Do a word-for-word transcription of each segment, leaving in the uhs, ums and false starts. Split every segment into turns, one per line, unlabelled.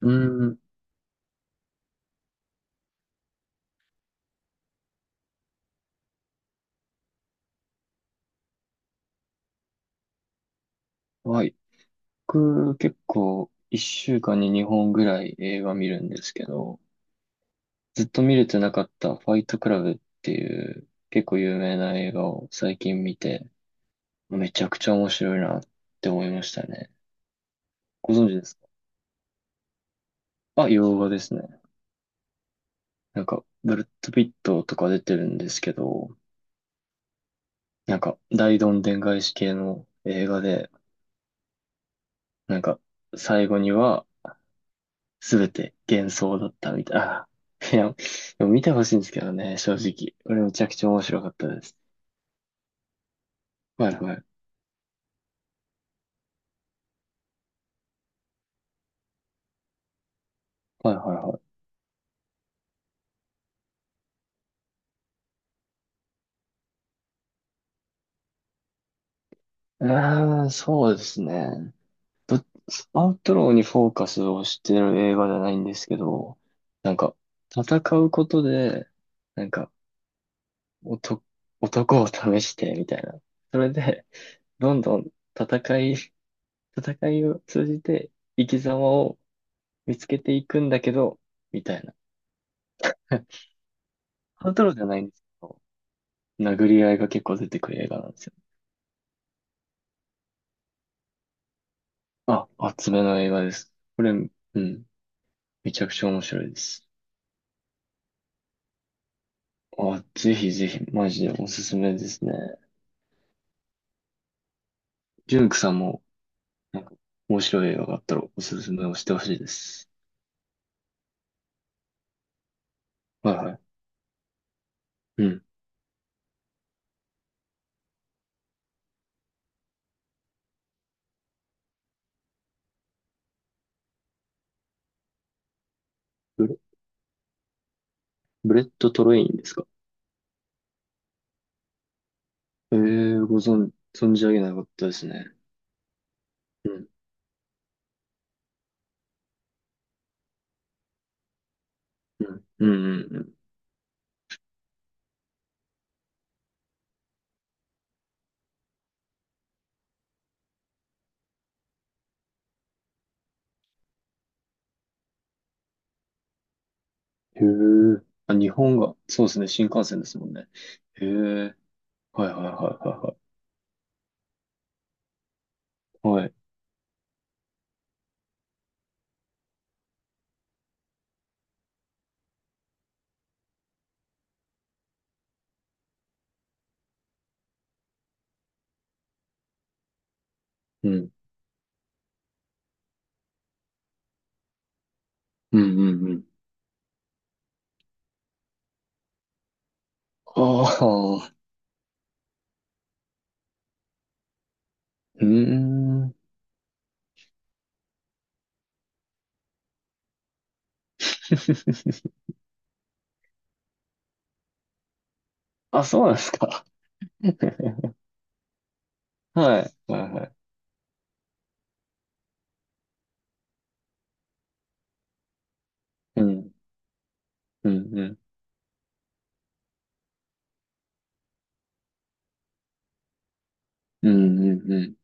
うーん。はい。僕、結構、一週間ににほんぐらい映画見るんですけど、ずっと見れてなかったファイトクラブっていう結構有名な映画を最近見て、めちゃくちゃ面白いなって思いましたね。ご存知ですか？あ、洋画ですね。なんか、ブルッド・ピットとか出てるんですけど、なんか、大どんでん返し系の映画で、なんか、最後には、すべて幻想だったみたい。ああ、いや、でも見てほしいんですけどね、正直。これめちゃくちゃ面白かったです。はいはい。はいはいはい。うーん、そうですね。ど、アウトローにフォーカスをしてる映画じゃないんですけど、なんか、戦うことで、なんか、男、男を試して、みたいな。それで、どんどん戦い、戦いを通じて生き様を見つけていくんだけど、みたいな。アウトローじゃないんです。殴り合いが結構出てくる映画なんですよ。あ、厚めの映画です。これ、うん、めちゃくちゃ面白いです。あ、ぜひぜひ、マジでおすすめですね。ジュンクさんも、なんか、面白い映画があったらおすすめをしてほしいです。はいはい。うん。ブレ、ブレット・トレインですか？ええー、ご存、存じ上げなかったですね。うん、うん、うん、うんうん。へえ。あ、日本が、そうですね、新幹線ですもんね。へえ。はいはいはいはいはい。はい。うん。うんうんうん、ああ、うーん。あ、そうなんですか。はい、はい、はい。うん、うん、うん、うん、うん、うん。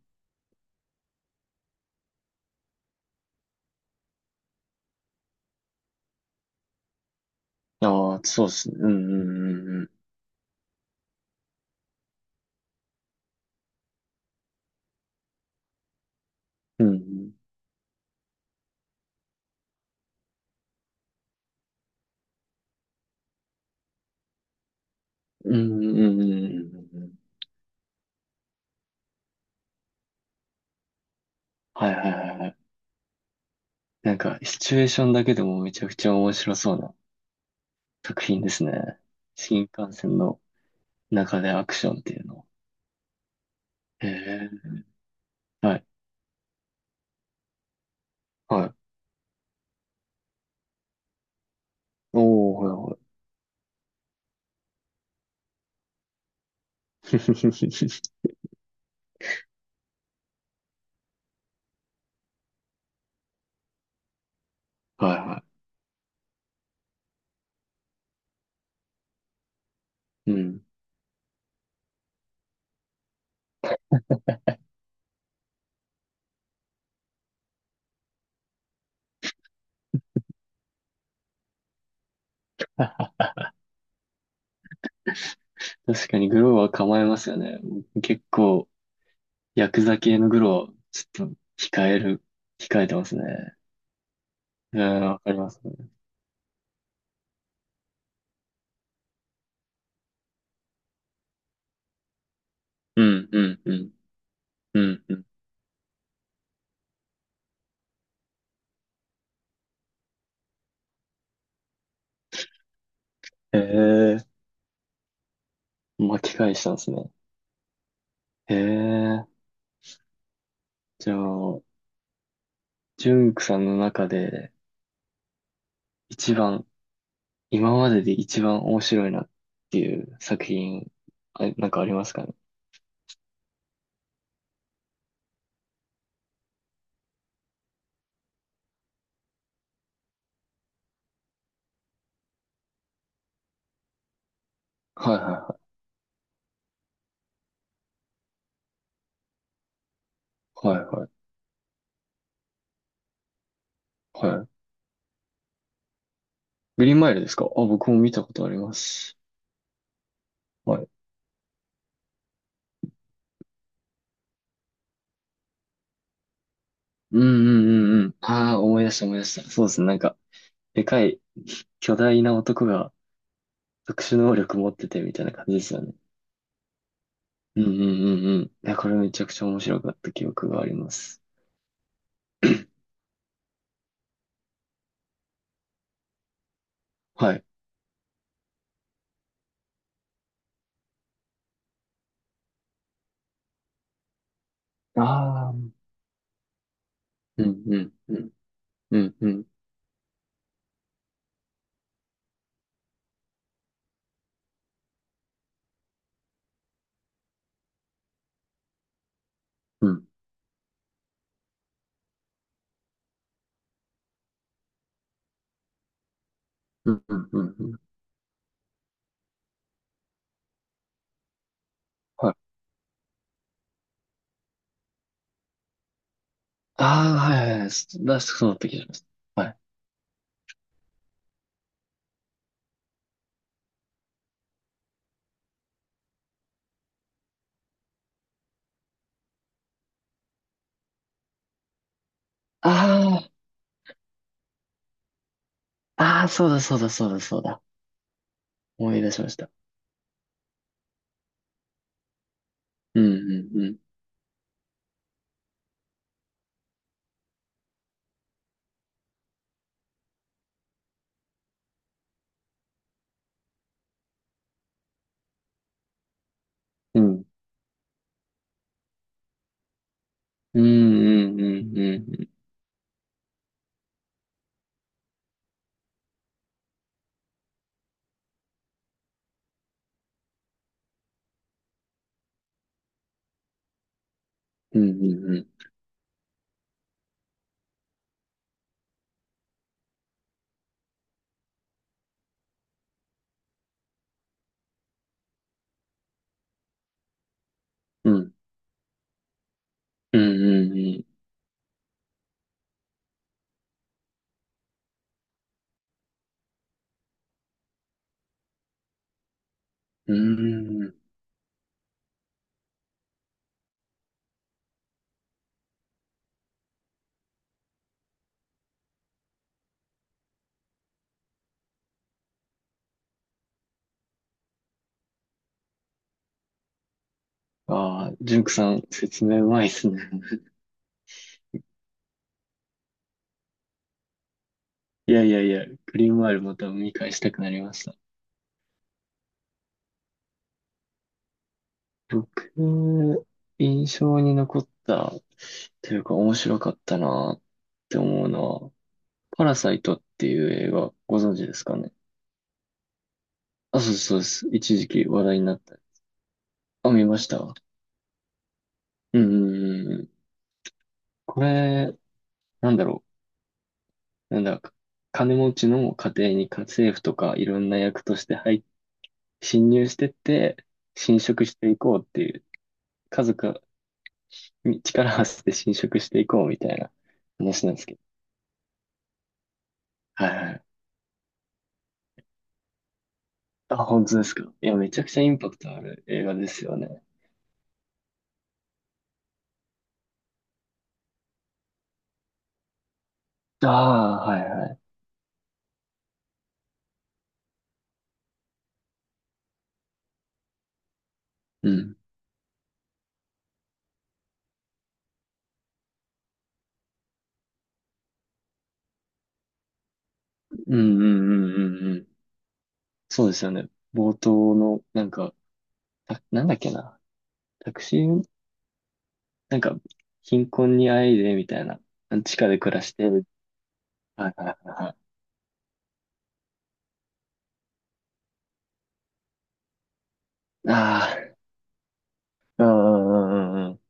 ああ、そうですね。うん、うん、うん、うん。うん、うん、うん、うん、うん。うんうん、はい、はい、はいはい。なんか、シチュエーションだけでもめちゃくちゃ面白そうな作品ですね。新幹線の中でアクションっていうの。へえ、はい、はい。おー、はい、はい。はい、はい。うん。確かにグローは構えますよね。結構、ヤクザ系のグローは、ちょっと、控える、控えてますね。うん、わかりますね。うん、うん、うん、うん、うん。へえ、巻き返したんですね。へえ、じゃあ、ジュンクさんの中で、一番、今までで一番面白いなっていう作品、あ、なんかありますかね。はいはいはい。はいはいはい。グリーンマイルですか？あ、僕も見たことあります。はい、うんうんうんうん。ああ、思い出した思い出した。そうですね。なんか、でかい、巨大な男が特殊能力持っててみたいな感じですよね。うんうんうんうん。いや、これめちゃくちゃ面白かった記憶があります。はい。ああ、うんうんうんうんうんうんうんうんうんうん。はい。ああ、はいはいはい。出しそうだった気がします。はい。ああ、ああ、そうだそうだそうだそうだ。思い出しました。うんうんうん。うん。うんうんうんうんうん。うんうんうん。うんうんうんうん。うーん。ああ、ジュンクさん、説明うまいっすね。いやいやいや、グリーンワールまた見返したくなりました。僕、印象に残った、というか面白かったなって思うのは、パラサイトっていう映画、ご存知ですかね。あ、そうですそうです。一時期話題になった。あ、見ました。うんうんうん。これ、なんだろう。なんだか、金持ちの家庭に家政婦とかいろんな役として入っ侵入してって、侵食していこうっていう、家族に力を合わせて侵食していこうみたいな話なんですけど。はいはい。あ、本当ですか。いや、めちゃくちゃインパクトある映画ですよね。ああ、はいはい。うん。うんうんうんうんうん。そうですよね。冒頭の、なんか、たなんだっけな。タクシー、なんか、貧困にあえいで、みたいな。地下で暮らしてる。はいはいはいはい。ああ、うんうんうんうんうん。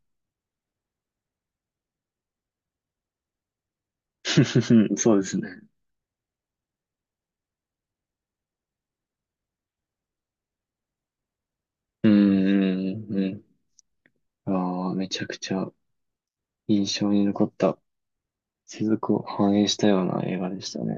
そうですね。うんうんうんうん。ああ、めちゃくちゃ印象に残った世俗を反映したような映画でしたね。